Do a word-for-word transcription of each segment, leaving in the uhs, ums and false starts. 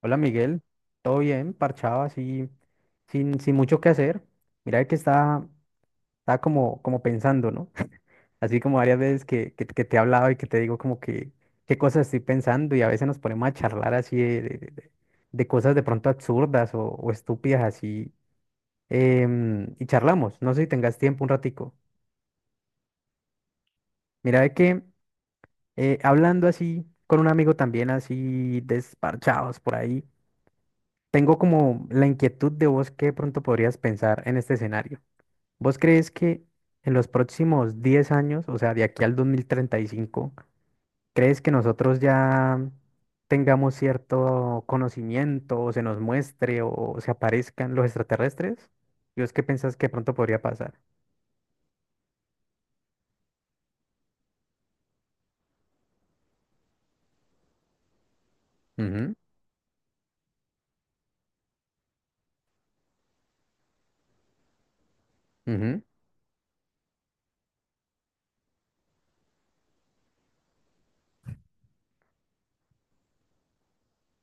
Hola Miguel, ¿todo bien? Parchado así, sin, sin mucho que hacer. Mira que está, está como, como pensando, ¿no? Así como varias veces que, que, que te he hablado y que te digo como que qué cosas estoy pensando y a veces nos ponemos a charlar así de, de- de- de cosas de pronto absurdas o, o estúpidas así em, y charlamos. No sé si tengas tiempo un ratico. Mira de que eh, hablando así con un amigo también así desparchados por ahí. Tengo como la inquietud de vos que de pronto podrías pensar en este escenario. ¿Vos crees que en los próximos diez años, o sea, de aquí al dos mil treinta y cinco, crees que nosotros ya tengamos cierto conocimiento o se nos muestre o se aparezcan los extraterrestres? ¿Y vos qué pensás que de pronto podría pasar? Ujú, ujú,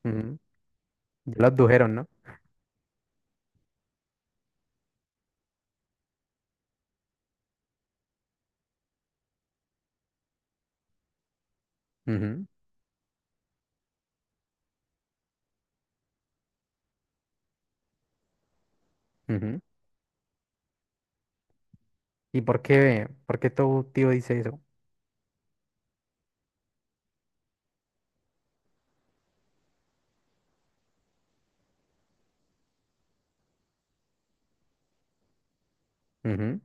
ujú. Ya lo abdujeron, ¿no? Ujú, ujú. ¿Y por qué, por qué tu tío dice eso? Ujú,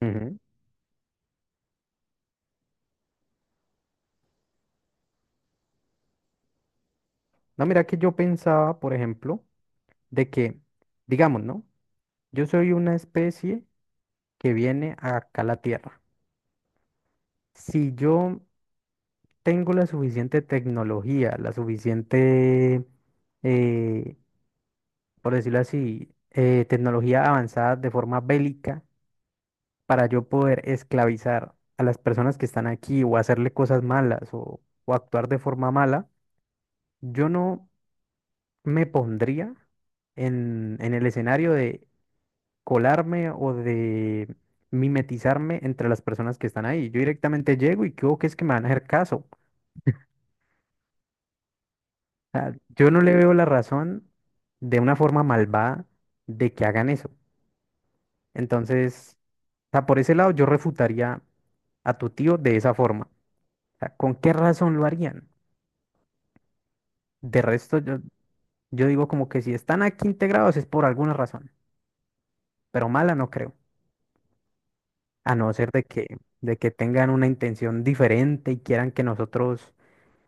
ujú. No, mira que yo pensaba, por ejemplo, de que, digamos, ¿no? Yo soy una especie que viene acá a la Tierra. Si yo tengo la suficiente tecnología, la suficiente, eh, por decirlo así, eh, tecnología avanzada de forma bélica para yo poder esclavizar a las personas que están aquí o hacerle cosas malas o, o actuar de forma mala, yo no me pondría en, en el escenario de colarme o de mimetizarme entre las personas que están ahí. Yo directamente llego y creo que es que me van a hacer caso. O sea, yo no le veo la razón de una forma malvada de que hagan eso. Entonces, o sea, por ese lado yo refutaría a tu tío de esa forma. O sea, ¿con qué razón lo harían? De resto, yo, yo digo como que si están aquí integrados es por alguna razón, pero mala no creo, a no ser de que, de que tengan una intención diferente y quieran que nosotros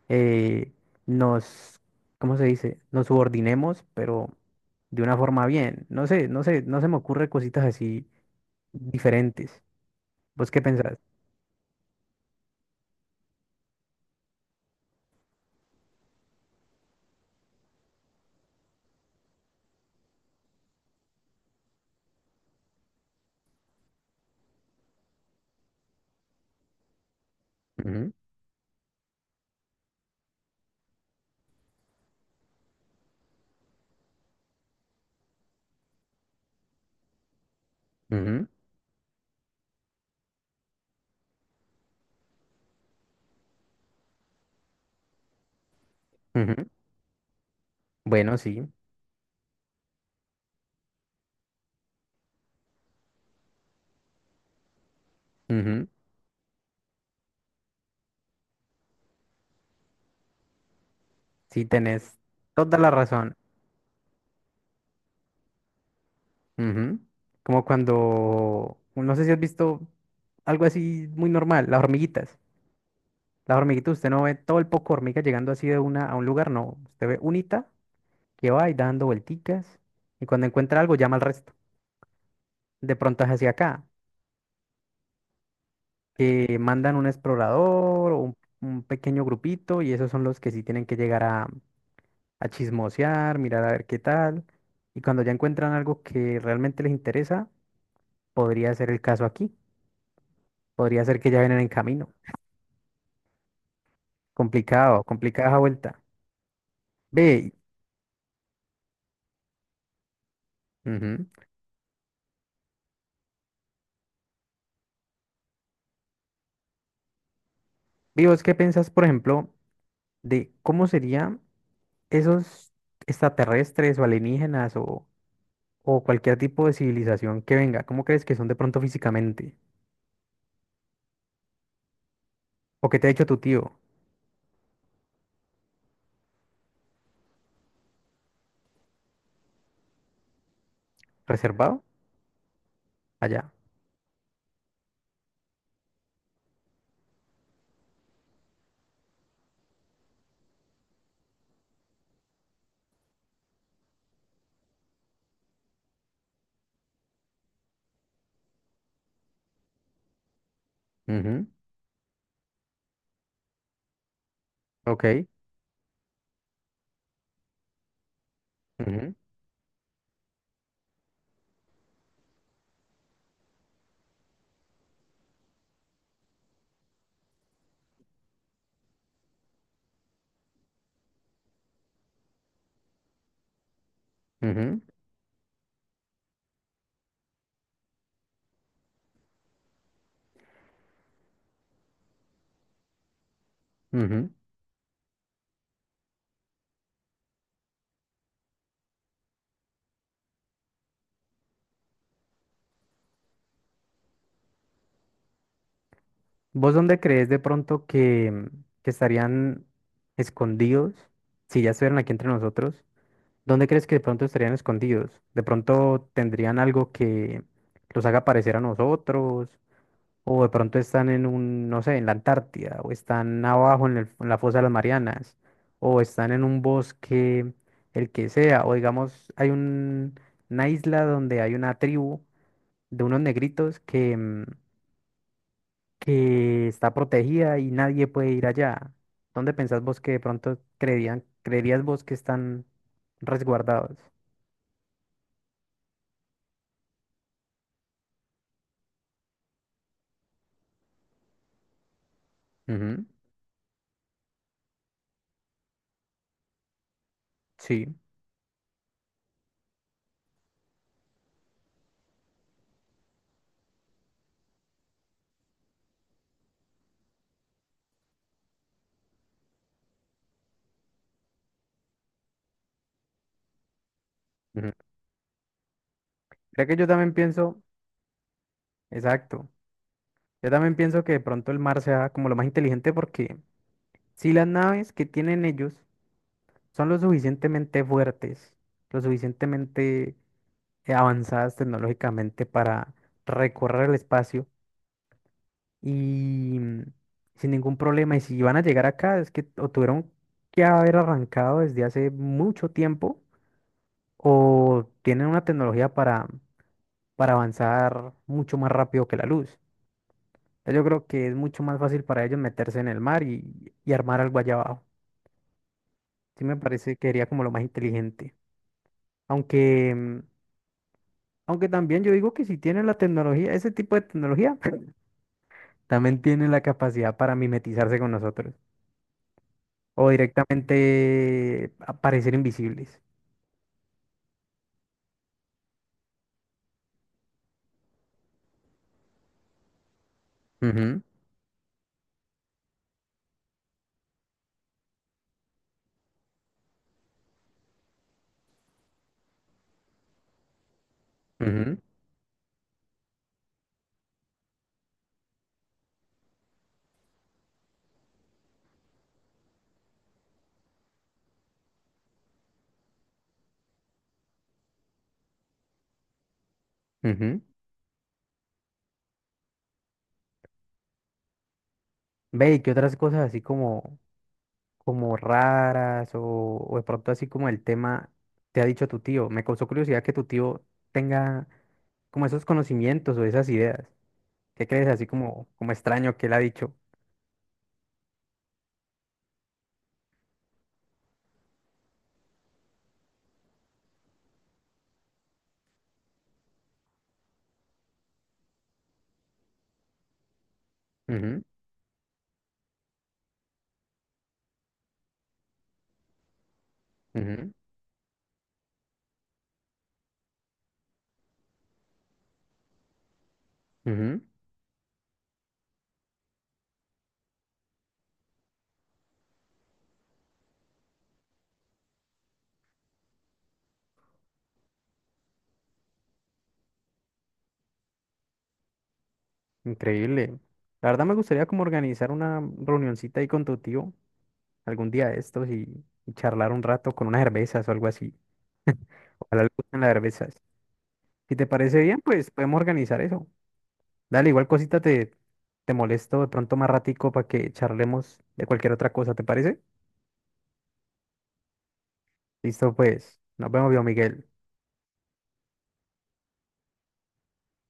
eh, nos, ¿cómo se dice? Nos subordinemos, pero de una forma bien. No sé, no sé, no se me ocurre cositas así diferentes. ¿Vos qué pensás? Ujú, ujú, ujú. Bueno, sí, ujú, sí, tenés toda la razón. Ujú. Como cuando, no sé si has visto algo así muy normal, las hormiguitas. Las hormiguitas, usted no ve todo el poco hormiga llegando así de una a un lugar, no. Usted ve unita que va y dando vuelticas y cuando encuentra algo llama al resto. De pronto es hacia acá, que mandan un explorador o un, un pequeño grupito y esos son los que sí tienen que llegar a, a chismosear, mirar a ver qué tal. Y cuando ya encuentran algo que realmente les interesa, podría ser el caso aquí. Podría ser que ya vienen en camino. Complicado, complicada esa vuelta. Ve, ujú. Ve, ¿vos qué piensas, por ejemplo, de cómo serían esos extraterrestres o alienígenas o, o cualquier tipo de civilización que venga? ¿Cómo crees que son de pronto físicamente? ¿O qué te ha dicho tu tío? ¿Reservado? Allá. Ujú, ok. Ujú, ujú, ujú. ¿Vos dónde crees de pronto que, que estarían escondidos? Si ya estuvieran aquí entre nosotros, ¿dónde crees que de pronto estarían escondidos? ¿De pronto tendrían algo que los haga parecer a nosotros? O de pronto están en un, no sé, en la Antártida, o están abajo en, el- en la fosa de las Marianas, o están en un bosque, el que sea, o digamos, hay un- una isla donde hay una tribu de unos negritos que, mm, que está protegida y nadie puede ir allá. ¿Dónde pensás vos que de pronto creerían, creerías vos que están resguardados? Ujú, sí. Ujú. Creo que yo también pienso, exacto, yo también pienso que de pronto el mar sea como lo más inteligente porque... Si las naves que tienen ellos son lo suficientemente fuertes, lo suficientemente eh, avanzadas tecnológicamente para recorrer el espacio y mm, sin ningún problema, y si van a llegar acá, es que o tuvieron que haber arrancado desde hace mucho tiempo o tienen una tecnología para, para avanzar mucho más rápido que la luz. Ya, yo creo que es mucho más fácil para ellos meterse en el mar y, y armar algo allá abajo. Sí me parece que sería como lo más inteligente. Aunque, mm, aunque también yo digo que si tiene la tecnología, ese tipo de tecnología, también tiene la capacidad para mimetizarse con nosotros o directamente aparecer invisibles. Ujú, ujú, ujú. Ve, ¿y qué otras cosas así como, como raras o, o de pronto así como el tema te ha dicho tu tío? Me causó curiosidad que tu tío tenga como esos conocimientos o esas ideas. ¿Qué crees así como, como extraño que él ha dicho? Ujú, ujú, ujú. Increíble. La verdad me gustaría como organizar una reunioncita ahí con tu tío algún día de estos y, y charlar un rato con unas cervezas o algo así. Ojalá le gusten las cervezas. Si te parece bien, pues podemos organizar eso. Dale, igual cosita te, te molesto de pronto más ratico para que charlemos de cualquier otra cosa, ¿te parece? Listo, pues. Nos vemos, viejo Miguel.